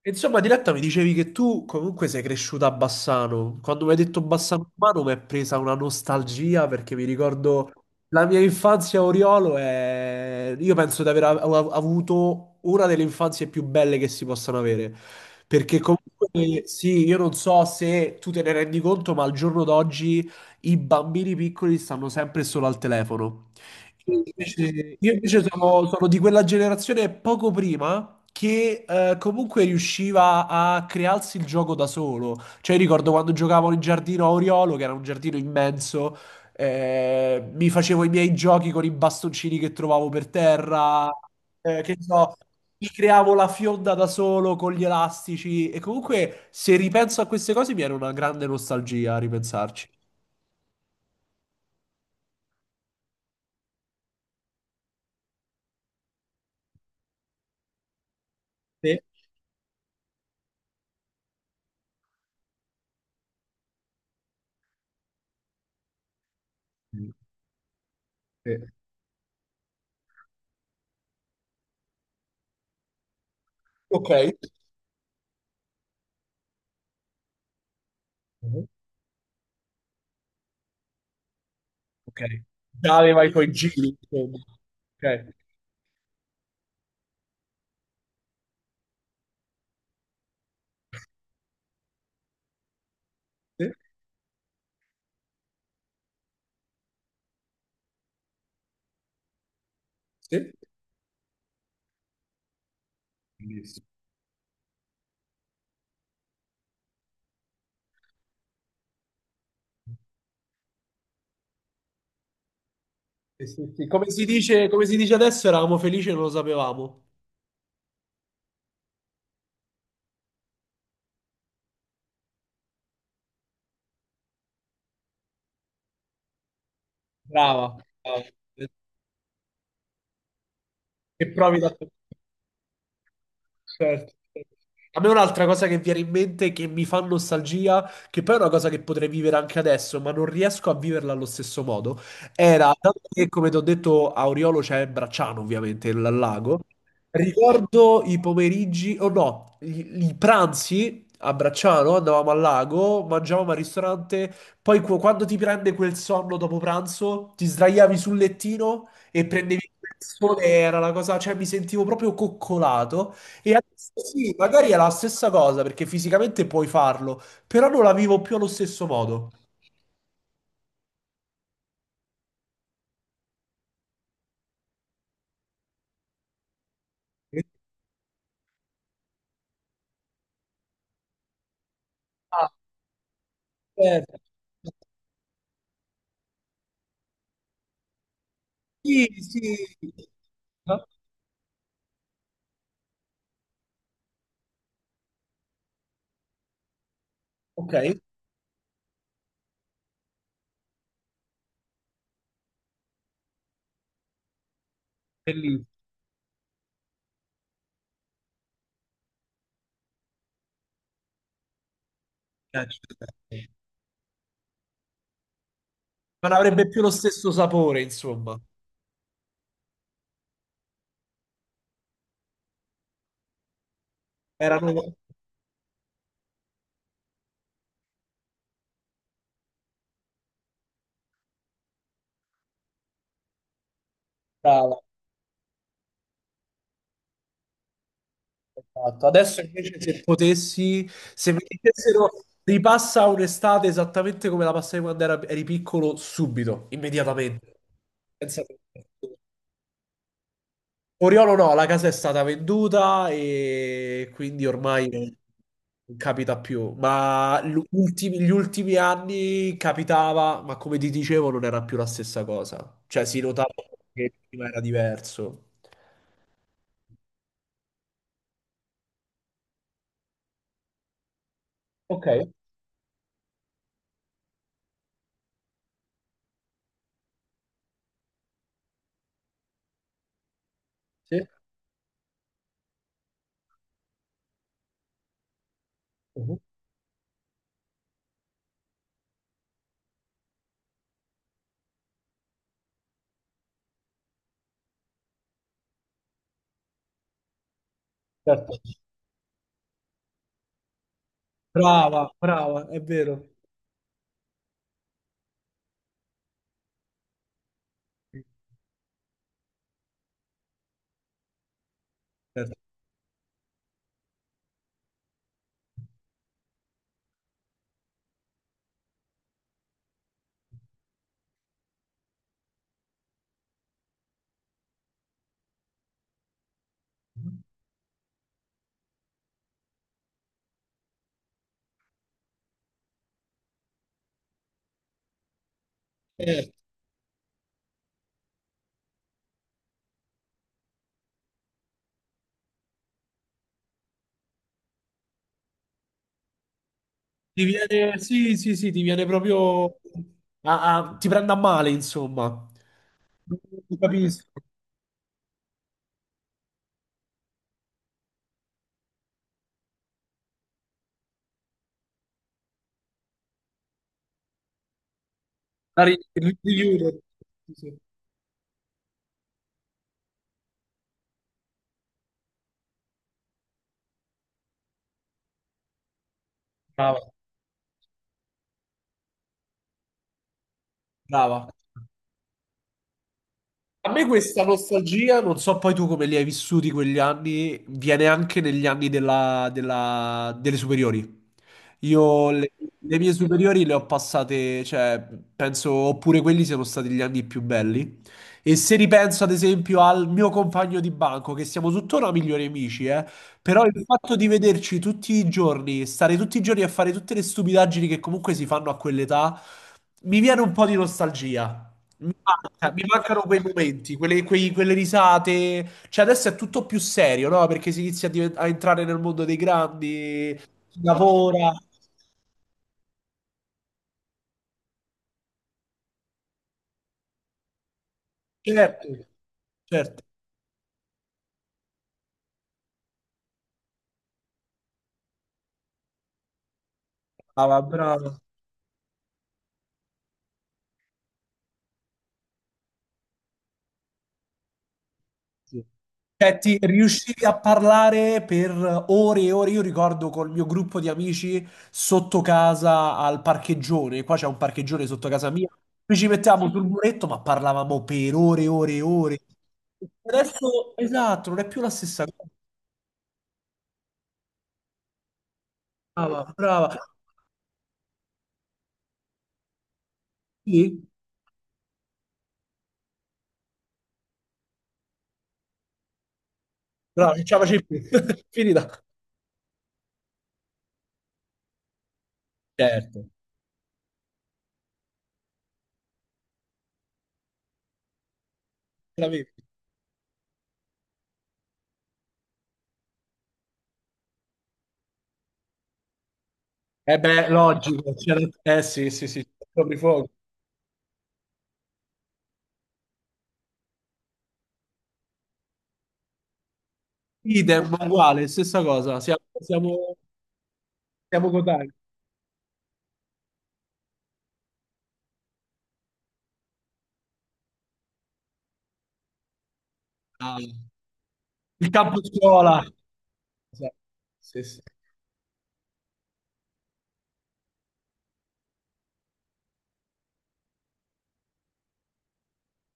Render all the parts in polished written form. Insomma, Diletta, mi dicevi che tu comunque sei cresciuta a Bassano. Quando mi hai detto Bassano Romano mi è presa una nostalgia perché mi ricordo la mia infanzia a Oriolo e io penso di aver avuto una delle infanzie più belle che si possano avere. Perché comunque sì, io non so se tu te ne rendi conto, ma al giorno d'oggi i bambini piccoli stanno sempre solo al telefono. Io invece sono di quella generazione poco prima che comunque riusciva a crearsi il gioco da solo. Cioè, ricordo quando giocavo in giardino a Oriolo, che era un giardino immenso, mi facevo i miei giochi con i bastoncini che trovavo per terra, che ne so, mi creavo la fionda da solo con gli elastici. E comunque, se ripenso a queste cose, mi viene una grande nostalgia a ripensarci. Sì. Sì. Ok. Ok. Già aveva i tuoi giri, insomma. Ok. Sì, sì. Bellissimo. Sì, sì, sì. Come si dice adesso, eravamo felici e non lo sapevamo. Brava, brava. Che provi da... Certo, certo. A me un'altra cosa che viene in mente che mi fa nostalgia, che poi è una cosa che potrei vivere anche adesso, ma non riesco a viverla allo stesso modo, era, dato che come ti ho detto a Oriolo c'è Bracciano ovviamente, il lago, ricordo i pomeriggi, o no, i pranzi a Bracciano, andavamo al lago, mangiavamo al ristorante, poi quando ti prende quel sonno dopo pranzo, ti sdraiavi sul lettino e prendevi il sole, era la cosa, cioè mi sentivo proprio coccolato. E adesso sì, magari è la stessa cosa perché fisicamente puoi farlo, però non la vivo più allo stesso modo. Ah, certo. Sì, sì. Ah, ok, bellissimo. Certo. Non avrebbe più lo stesso sapore, insomma. Erano brava, esatto. Adesso invece se potessi, se mi dicessero ripassa un'estate esattamente come la passai quando eri piccolo, subito, immediatamente. Senza pensare. Oriolo no, la casa è stata venduta e quindi ormai non capita più. Ma gli ultimi anni capitava, ma come ti dicevo non era più la stessa cosa. Cioè si notava che prima era diverso. Ok, sì. Mhm, certo. Brava, brava, è vero. Certo. Eh, ti viene, sì, sì, sì, ti viene proprio... ti prende a male, insomma. Non capisco. La ri- di Europe. Sì, sì. Brava, brava. A me questa nostalgia, non so poi tu come li hai vissuti quegli anni, viene anche negli anni delle superiori. Io le, le mie superiori le ho passate, cioè, penso, oppure quelli siano stati gli anni più belli. E se ripenso ad esempio al mio compagno di banco, che siamo tuttora migliori amici, però il fatto di vederci tutti i giorni, stare tutti i giorni a fare tutte le stupidaggini che comunque si fanno a quell'età, mi viene un po' di nostalgia mi mancano quei momenti, quelle, quelle risate. Cioè, adesso è tutto più serio, no? Perché si inizia a, a entrare nel mondo dei grandi, si lavora. Certo, certo. Brava, brava. Sì. Cioè, ti riuscivi a parlare per ore e ore. Io ricordo col mio gruppo di amici sotto casa al parcheggione. Qua c'è un parcheggione sotto casa mia. Noi ci mettevamo sul muretto, ma parlavamo per ore e ore e ore. Adesso, esatto, non è più la stessa cosa. Brava, brava. Sì, brava, non ce la facevi più. Finita. Certo. Ce l'avevi. Eh beh, logico. Eh sì, sì, sì, proprio fuoco. Idem, ma uguale, stessa cosa. Siamo coetanei. Ah, il campo scuola. Esatto. Sì, sì.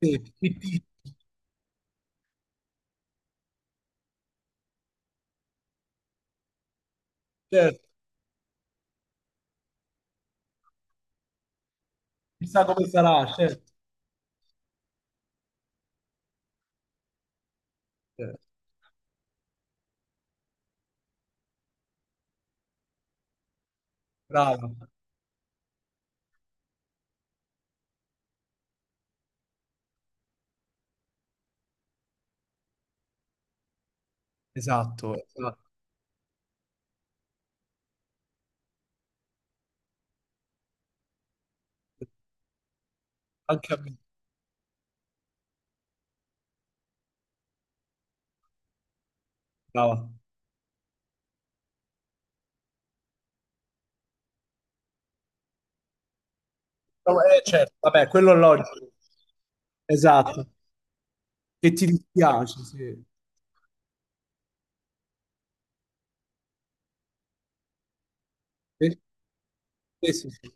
Sì, PT. Certo. Chissà come sarà, certo. Eh, brava. Esatto, esatto. Anche a me. Brava. No, certo, vabbè, quello è logico. Esatto. Che ti dispiace, sì. Sì, sì, sì, sì.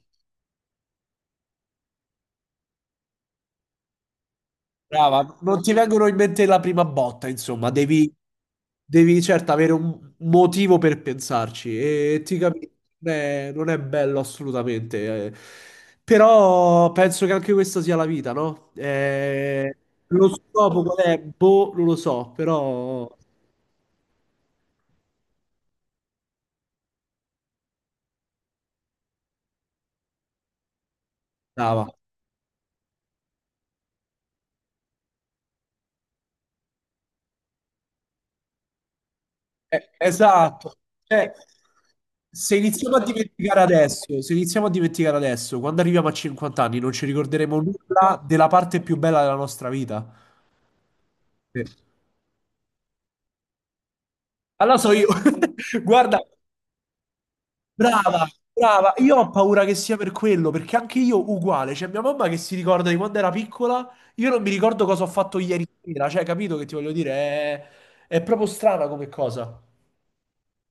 Brava, non ti vengono in mente la prima botta, insomma, devi, devi certo avere un motivo per pensarci e ti capisco, non è, non è bello assolutamente, eh. Però penso che anche questa sia la vita, no? Lo scopo qual è? Boh, non lo so, però brava. Esatto. Cioè, se iniziamo a dimenticare adesso, se iniziamo a dimenticare adesso, quando arriviamo a 50 anni non ci ricorderemo nulla della parte più bella della nostra vita. Sì. Allora so io. Guarda, brava, brava. Io ho paura che sia per quello, perché anche io uguale. Cioè, mia mamma che si ricorda di quando era piccola, io non mi ricordo cosa ho fatto ieri sera. Cioè, capito che ti voglio dire? È proprio strana come cosa.